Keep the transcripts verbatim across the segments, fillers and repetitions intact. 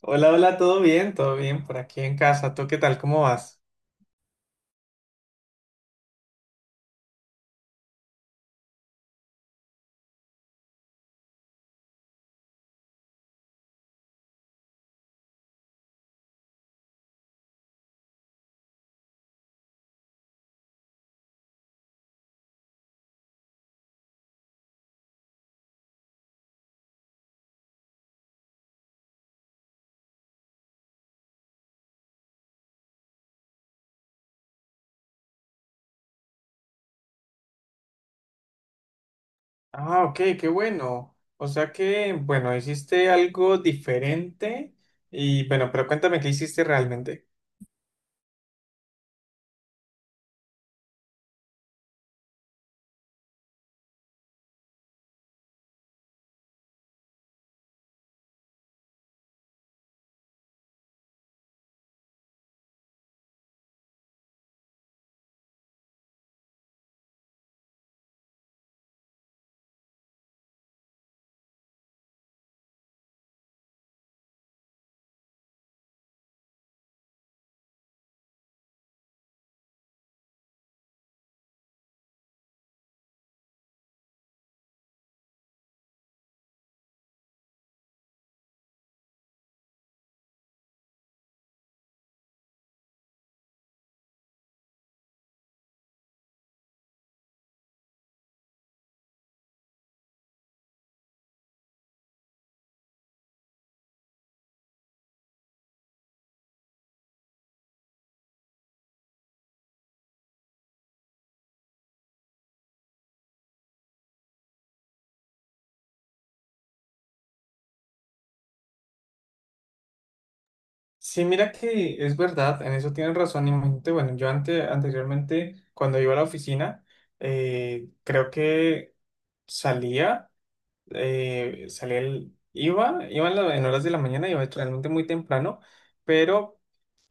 Hola, hola, todo bien, todo bien por aquí en casa. ¿Tú qué tal? ¿Cómo vas? Ah, ok, qué bueno. O sea que, bueno, hiciste algo diferente y bueno, pero cuéntame qué hiciste realmente. Sí, mira que es verdad, en eso tienes razón. Imagínate, bueno, yo ante, anteriormente, cuando iba a la oficina, eh, creo que salía, eh, salía el- iba, iba en, la- en horas de la mañana, iba realmente muy temprano, pero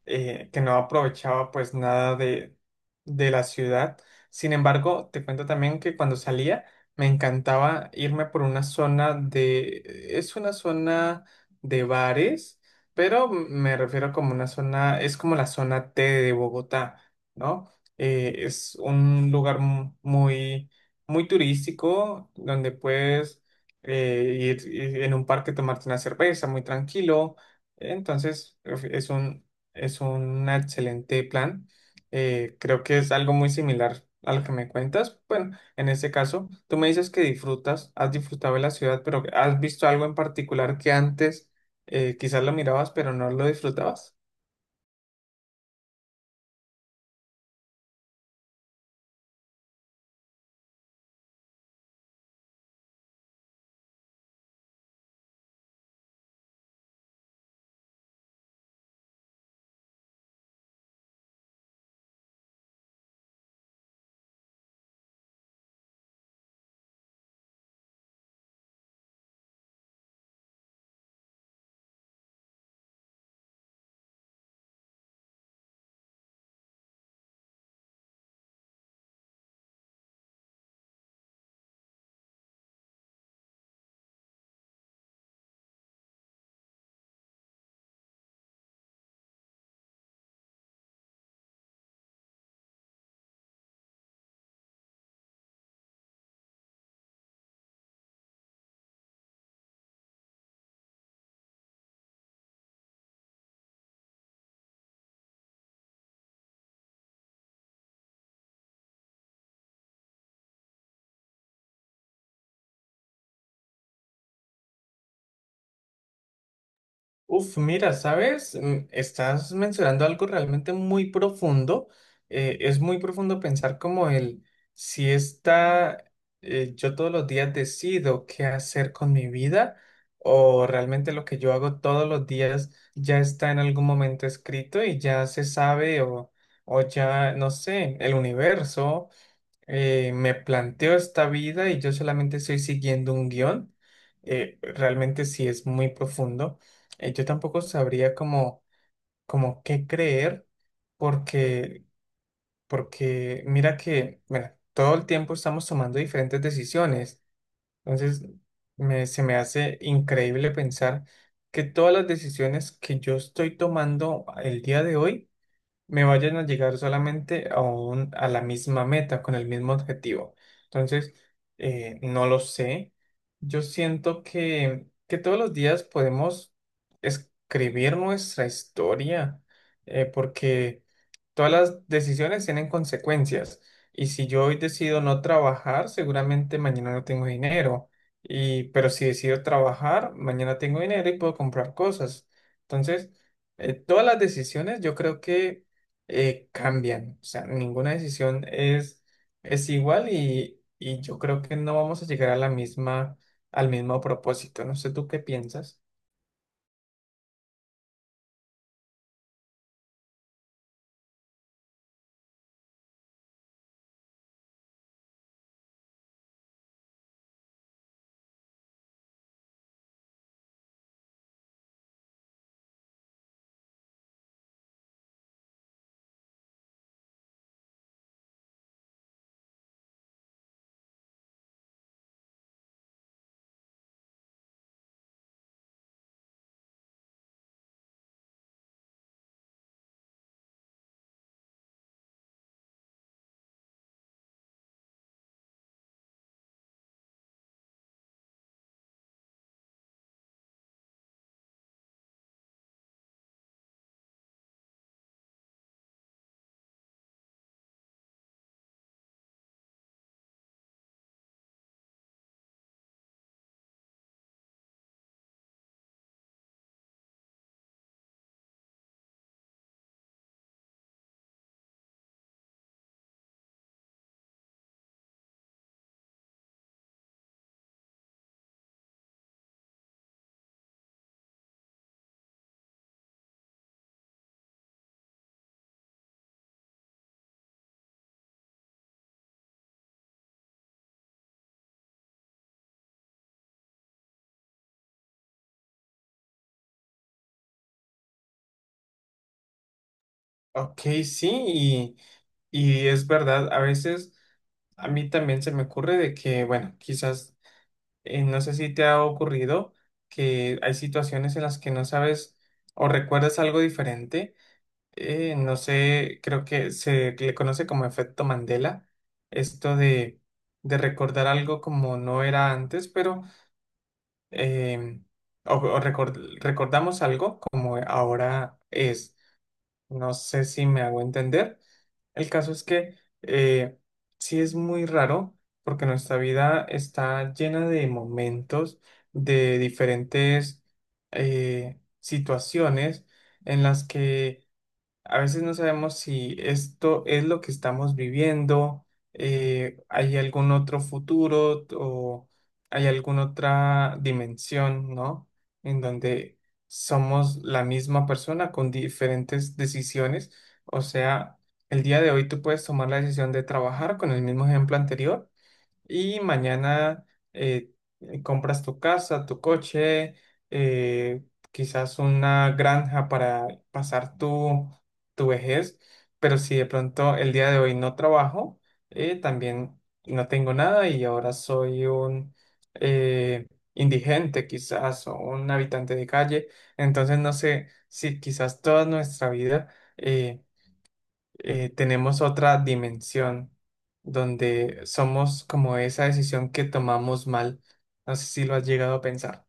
eh, que no aprovechaba pues nada de, de la ciudad. Sin embargo, te cuento también que cuando salía me encantaba irme por una zona de, es una zona de bares, pero me refiero como una zona, es como la zona T de Bogotá, ¿no? Eh, es un lugar mu- muy, muy turístico donde puedes eh, ir, ir en un parque tomarte una cerveza muy tranquilo. Entonces, es un, es un excelente plan. Eh, creo que es algo muy similar a lo que me cuentas. Bueno, en este caso, tú me dices que disfrutas, has disfrutado de la ciudad, pero ¿has visto algo en particular que antes eh, quizás lo mirabas, pero no lo disfrutabas? Uf, mira, ¿sabes? Mm, estás mencionando algo realmente muy profundo. Eh, es muy profundo pensar como el, si está, eh, yo todos los días decido qué hacer con mi vida o realmente lo que yo hago todos los días ya está en algún momento escrito y ya se sabe o, o ya, no sé, el universo eh, me planteo esta vida y yo solamente estoy siguiendo un guión. Eh, realmente sí es muy profundo. Eh, yo tampoco sabría cómo, cómo qué creer, porque, porque mira que, bueno, todo el tiempo estamos tomando diferentes decisiones. Entonces, me- se me hace increíble pensar que todas las decisiones que yo estoy tomando el día de hoy, me vayan a llegar solamente a, un- a la misma meta, con el mismo objetivo. Entonces, eh, no lo sé. Yo siento que, que todos los días podemos escribir nuestra historia, eh, porque... Todas las decisiones tienen consecuencias y si yo hoy decido no trabajar, seguramente mañana no tengo dinero. Y, pero si decido trabajar, mañana tengo dinero y puedo comprar cosas. Entonces, eh, todas las decisiones yo creo que eh, cambian. O sea, ninguna decisión es, es igual y, y yo creo que no vamos a llegar a la misma, al mismo propósito. No sé tú qué piensas. Ok, sí, y es verdad, a veces a mí también se me ocurre de que, bueno, quizás, eh, no sé si te ha ocurrido que hay situaciones en las que no sabes o recuerdas algo diferente. Eh, no sé, creo que se le conoce como efecto Mandela, esto de, de recordar algo como no era antes, pero, eh, o, o record- recordamos algo como ahora es. No sé si me hago entender. El caso es que eh, sí es muy raro porque nuestra vida está llena de momentos, de diferentes eh, situaciones en las que a veces no sabemos si esto es lo que estamos viviendo, eh, hay algún otro futuro t- o hay alguna otra dimensión, ¿no? En donde somos la misma persona con diferentes decisiones. O sea, el día de hoy tú puedes tomar la decisión de trabajar con el mismo ejemplo anterior y mañana eh, compras tu casa, tu coche, eh, quizás una granja para pasar tu, tu vejez, pero si de pronto el día de hoy no trabajo, eh, también no tengo nada y ahora soy un eh, indigente quizás o un habitante de calle, entonces no sé si quizás toda nuestra vida... eh, eh, tenemos otra dimensión donde somos como esa decisión que tomamos mal. No sé si lo has llegado a pensar.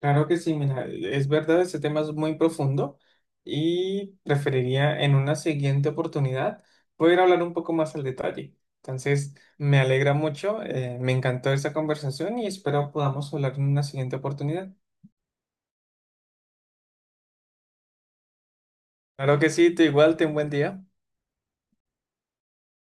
Claro que sí, mira, es verdad, este tema es muy profundo y preferiría en una siguiente oportunidad poder hablar un poco más al detalle. Entonces, me alegra mucho, eh, me encantó esta conversación y espero podamos hablar en una siguiente oportunidad. Claro que sí, te igual, ten buen día.